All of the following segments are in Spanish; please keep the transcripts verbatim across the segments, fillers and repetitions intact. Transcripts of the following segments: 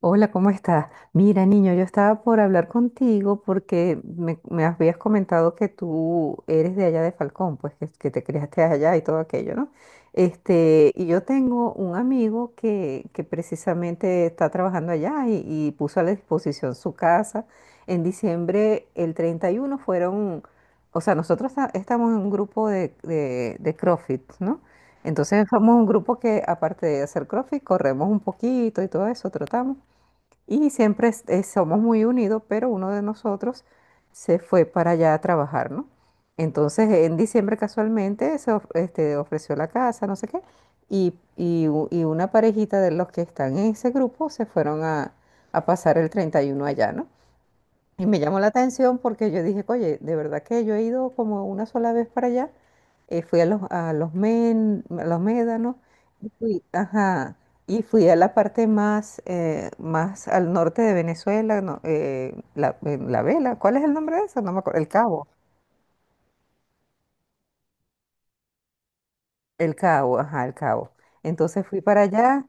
Hola, ¿cómo estás? Mira, niño, yo estaba por hablar contigo porque me, me habías comentado que tú eres de allá de Falcón, pues que, que te criaste allá y todo aquello, ¿no? Este, y yo tengo un amigo que, que precisamente está trabajando allá y, y puso a la disposición su casa. En diciembre, el treinta y uno fueron, o sea, nosotros esta- estamos en un grupo de, de, de CrossFit, ¿no? Entonces somos un grupo que aparte de hacer CrossFit, corremos un poquito y todo eso, trotamos. Y siempre es- eh, somos muy unidos, pero uno de nosotros se fue para allá a trabajar, ¿no? Entonces, en diciembre casualmente se of- este, ofreció la casa, no sé qué, y, y u- y una parejita de los que están en ese grupo se fueron a, a pasar el treinta y uno allá, ¿no? Y me llamó la atención porque yo dije, oye, de verdad que yo he ido como una sola vez para allá. Eh, fui a los, a los, men, a los médanos y fui, ajá, y fui a la parte más, eh, más al norte de Venezuela, no, eh, la, eh, La Vela. ¿Cuál es el nombre de eso? No me acuerdo. El Cabo. El Cabo, ajá, el Cabo. Entonces fui para allá.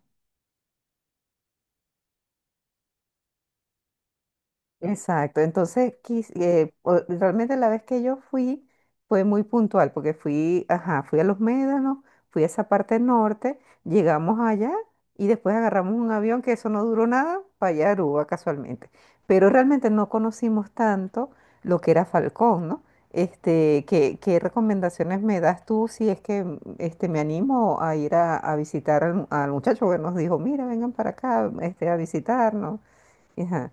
Exacto, entonces quis- eh, o- realmente la vez que yo fui fue muy puntual porque fui, ajá, fui a Los Médanos, fui a esa parte norte, llegamos allá y después agarramos un avión que eso no duró nada para allá a Aruba casualmente. Pero realmente no conocimos tanto lo que era Falcón, ¿no? Este, ¿qué, qué recomendaciones me das tú si es que mm, este, me animo a ir a, a visitar al, al muchacho que nos dijo, mira, vengan para acá este, a visitarnos? Ajá.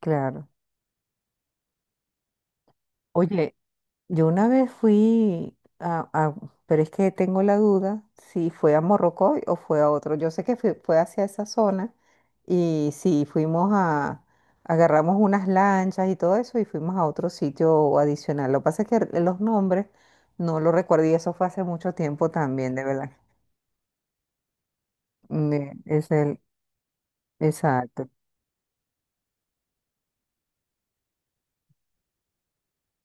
Claro. Oye, yo una vez fui a, a- pero es que tengo la duda si fue a Morrocoy o fue a otro. Yo sé que fue, fue hacia esa zona y sí, fuimos a, agarramos unas lanchas y todo eso y fuimos a otro sitio adicional. Lo que pasa es que los nombres no los recuerdo y eso fue hace mucho tiempo también, de verdad. Mm, Es el, exacto,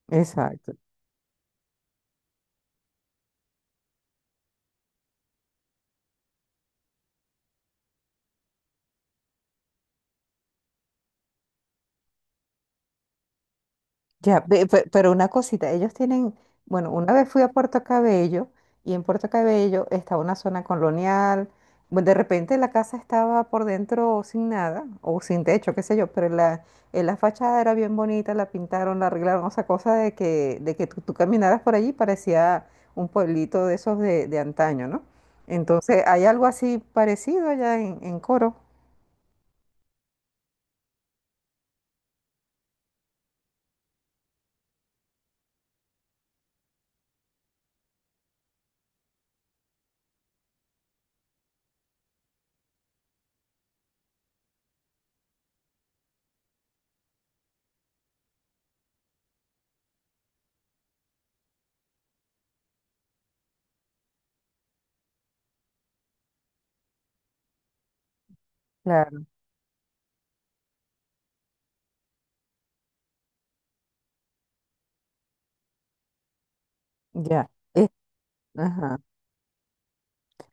exacto. Ya, ve- pe- pero una cosita, ellos tienen, bueno, una vez fui a Puerto Cabello y en Puerto Cabello estaba una zona colonial, bueno, de repente la casa estaba por dentro sin nada o sin techo, qué sé yo, pero la, eh, la fachada era bien bonita, la pintaron, la arreglaron, o sea, cosa de que, de que tú, tú caminaras por allí parecía un pueblito de esos de, de antaño, ¿no? Entonces, hay algo así parecido allá en, en Coro. Claro. Ya. Es- ajá.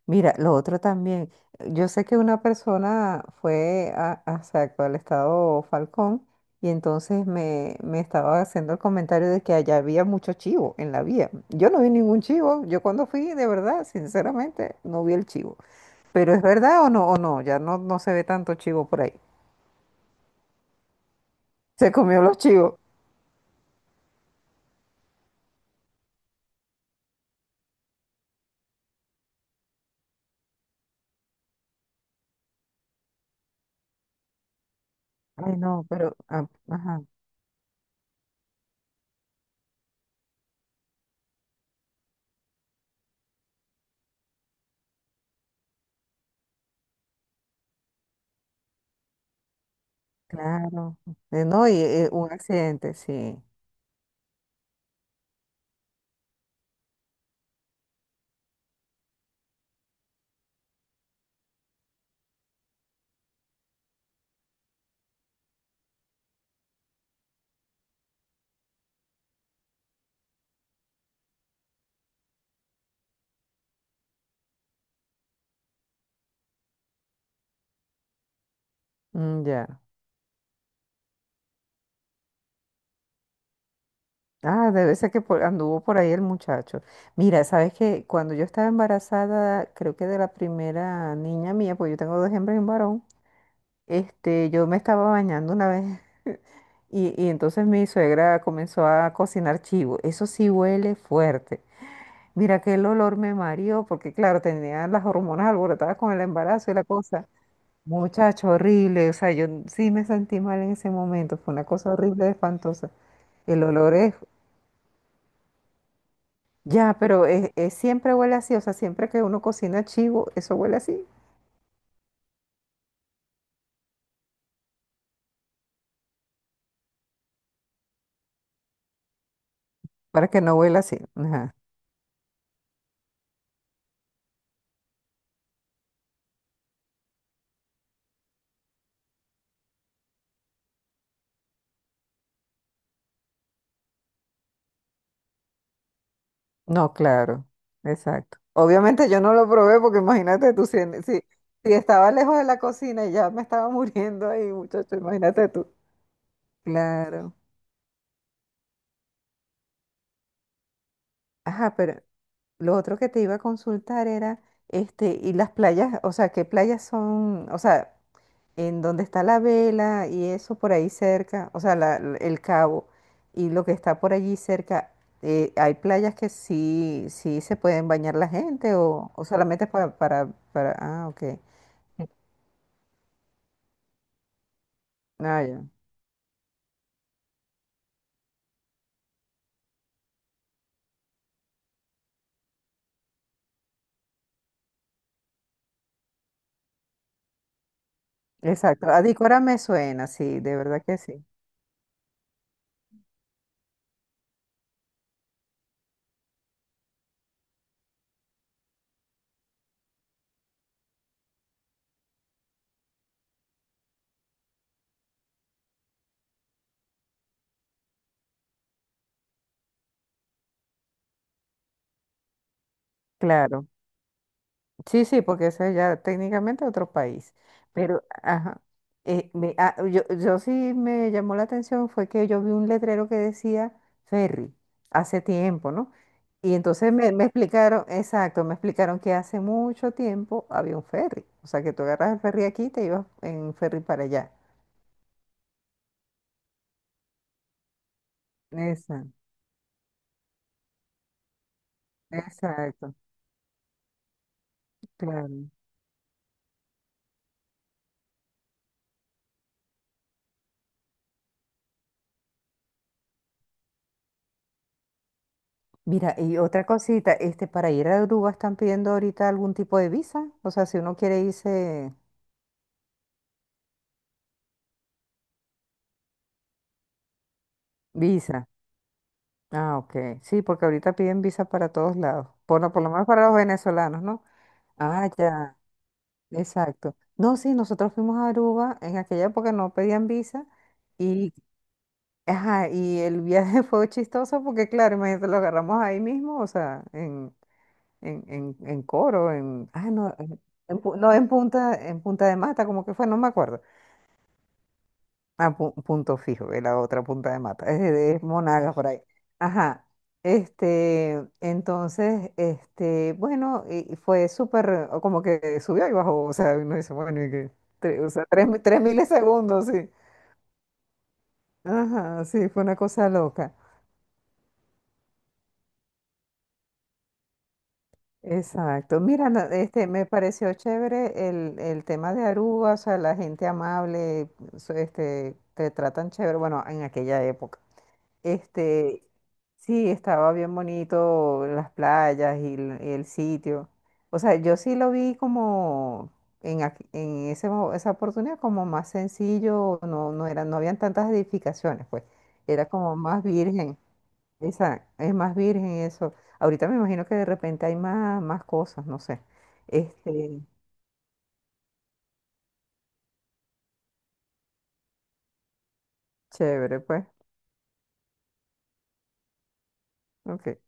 Mira, lo otro también, yo sé que una persona fue a, a- exacto, al estado Falcón y entonces me, me estaba haciendo el comentario de que allá había mucho chivo en la vía. Yo no vi ningún chivo, yo cuando fui, de verdad, sinceramente, no vi el chivo. Pero es verdad o no, o no, ya no, no se ve tanto chivo por ahí. Se comió los chivos. Ay, no, pero, ah, ajá, claro. Eh, no, y eh, un accidente, sí. Mm, ya. Ah, debe ser que por- anduvo por ahí el muchacho. Mira, sabes que cuando yo estaba embarazada, creo que de la primera niña mía, pues yo tengo dos hembras y un varón, este, yo me estaba bañando una vez y, y entonces mi suegra comenzó a cocinar chivo. Eso sí huele fuerte. Mira que el olor me mareó porque claro, tenía las hormonas alborotadas con el embarazo y la cosa. Muchacho, horrible. O sea, yo sí me sentí mal en ese momento. Fue una cosa horrible, espantosa. El olor es... Ya, pero es, es- siempre huele así, o sea, siempre que uno cocina chivo, eso huele así, para que no huela así. Ajá. No, claro, exacto. Obviamente yo no lo probé porque imagínate tú, si, en- si, si estaba lejos de la cocina y ya me estaba muriendo ahí, muchacho, imagínate tú. Claro. Ajá, pero lo otro que te iba a consultar era, este, y las playas, o sea, ¿qué playas son? O sea, en donde está la vela y eso por ahí cerca, o sea, la- la- el cabo y lo que está por allí cerca, eh, hay playas que sí, sí se pueden bañar la gente o, o solamente para, para, para, ah, ok, ah, ya, exacto, Adícora me suena, sí, de verdad que sí, claro. Sí, sí, porque eso es ya técnicamente otro país. Pero, ajá, eh, me- ah, yo, yo sí me llamó la atención fue que yo vi un letrero que decía ferry hace tiempo, ¿no? Y entonces me, me explicaron, exacto, me explicaron que hace mucho tiempo había un ferry. O sea, que tú agarras el ferry aquí y te ibas en ferry para allá. Exacto, exacto, claro. Mira, y otra cosita, este, para ir a Aruba están pidiendo ahorita algún tipo de visa. O sea, si uno quiere irse... Visa. Ah, ok. Sí, porque ahorita piden visa para todos lados. Por, lo- por lo menos para los venezolanos, ¿no? Ah, ya. Exacto. No, sí, nosotros fuimos a Aruba. En aquella época no pedían visa. Y, ajá, y el viaje fue chistoso porque, claro, imagínate, lo agarramos ahí mismo, o sea, en, en, en, en Coro, en. Ah, no, en, en Pu- no, en Punta, en Punta de Mata, como que fue, no me acuerdo. A punto fijo, que la otra punta de mata. Es, es Monagas por ahí. Ajá. Este, entonces, este, bueno, y y fue súper, o como que subió y bajó, o sea, uno dice, bueno, y que, tre- o sea, tres, mi- tres milisegundos, sí. Ajá, sí, fue una cosa loca. Exacto. Mira, na- este, me pareció chévere el, el tema de Aruba, o sea, la gente amable, so- este, te tratan chévere, bueno, en aquella época. Este, sí, estaba bien bonito las playas y el, y el sitio. O sea, yo sí lo vi como en, aqu- en ese, mo- esa oportunidad como más sencillo, no, no eran, no habían tantas edificaciones, pues. Era como más virgen. Esa, es más virgen eso. Ahorita me imagino que de repente hay más, más cosas, no sé. Este, chévere, pues. Ok.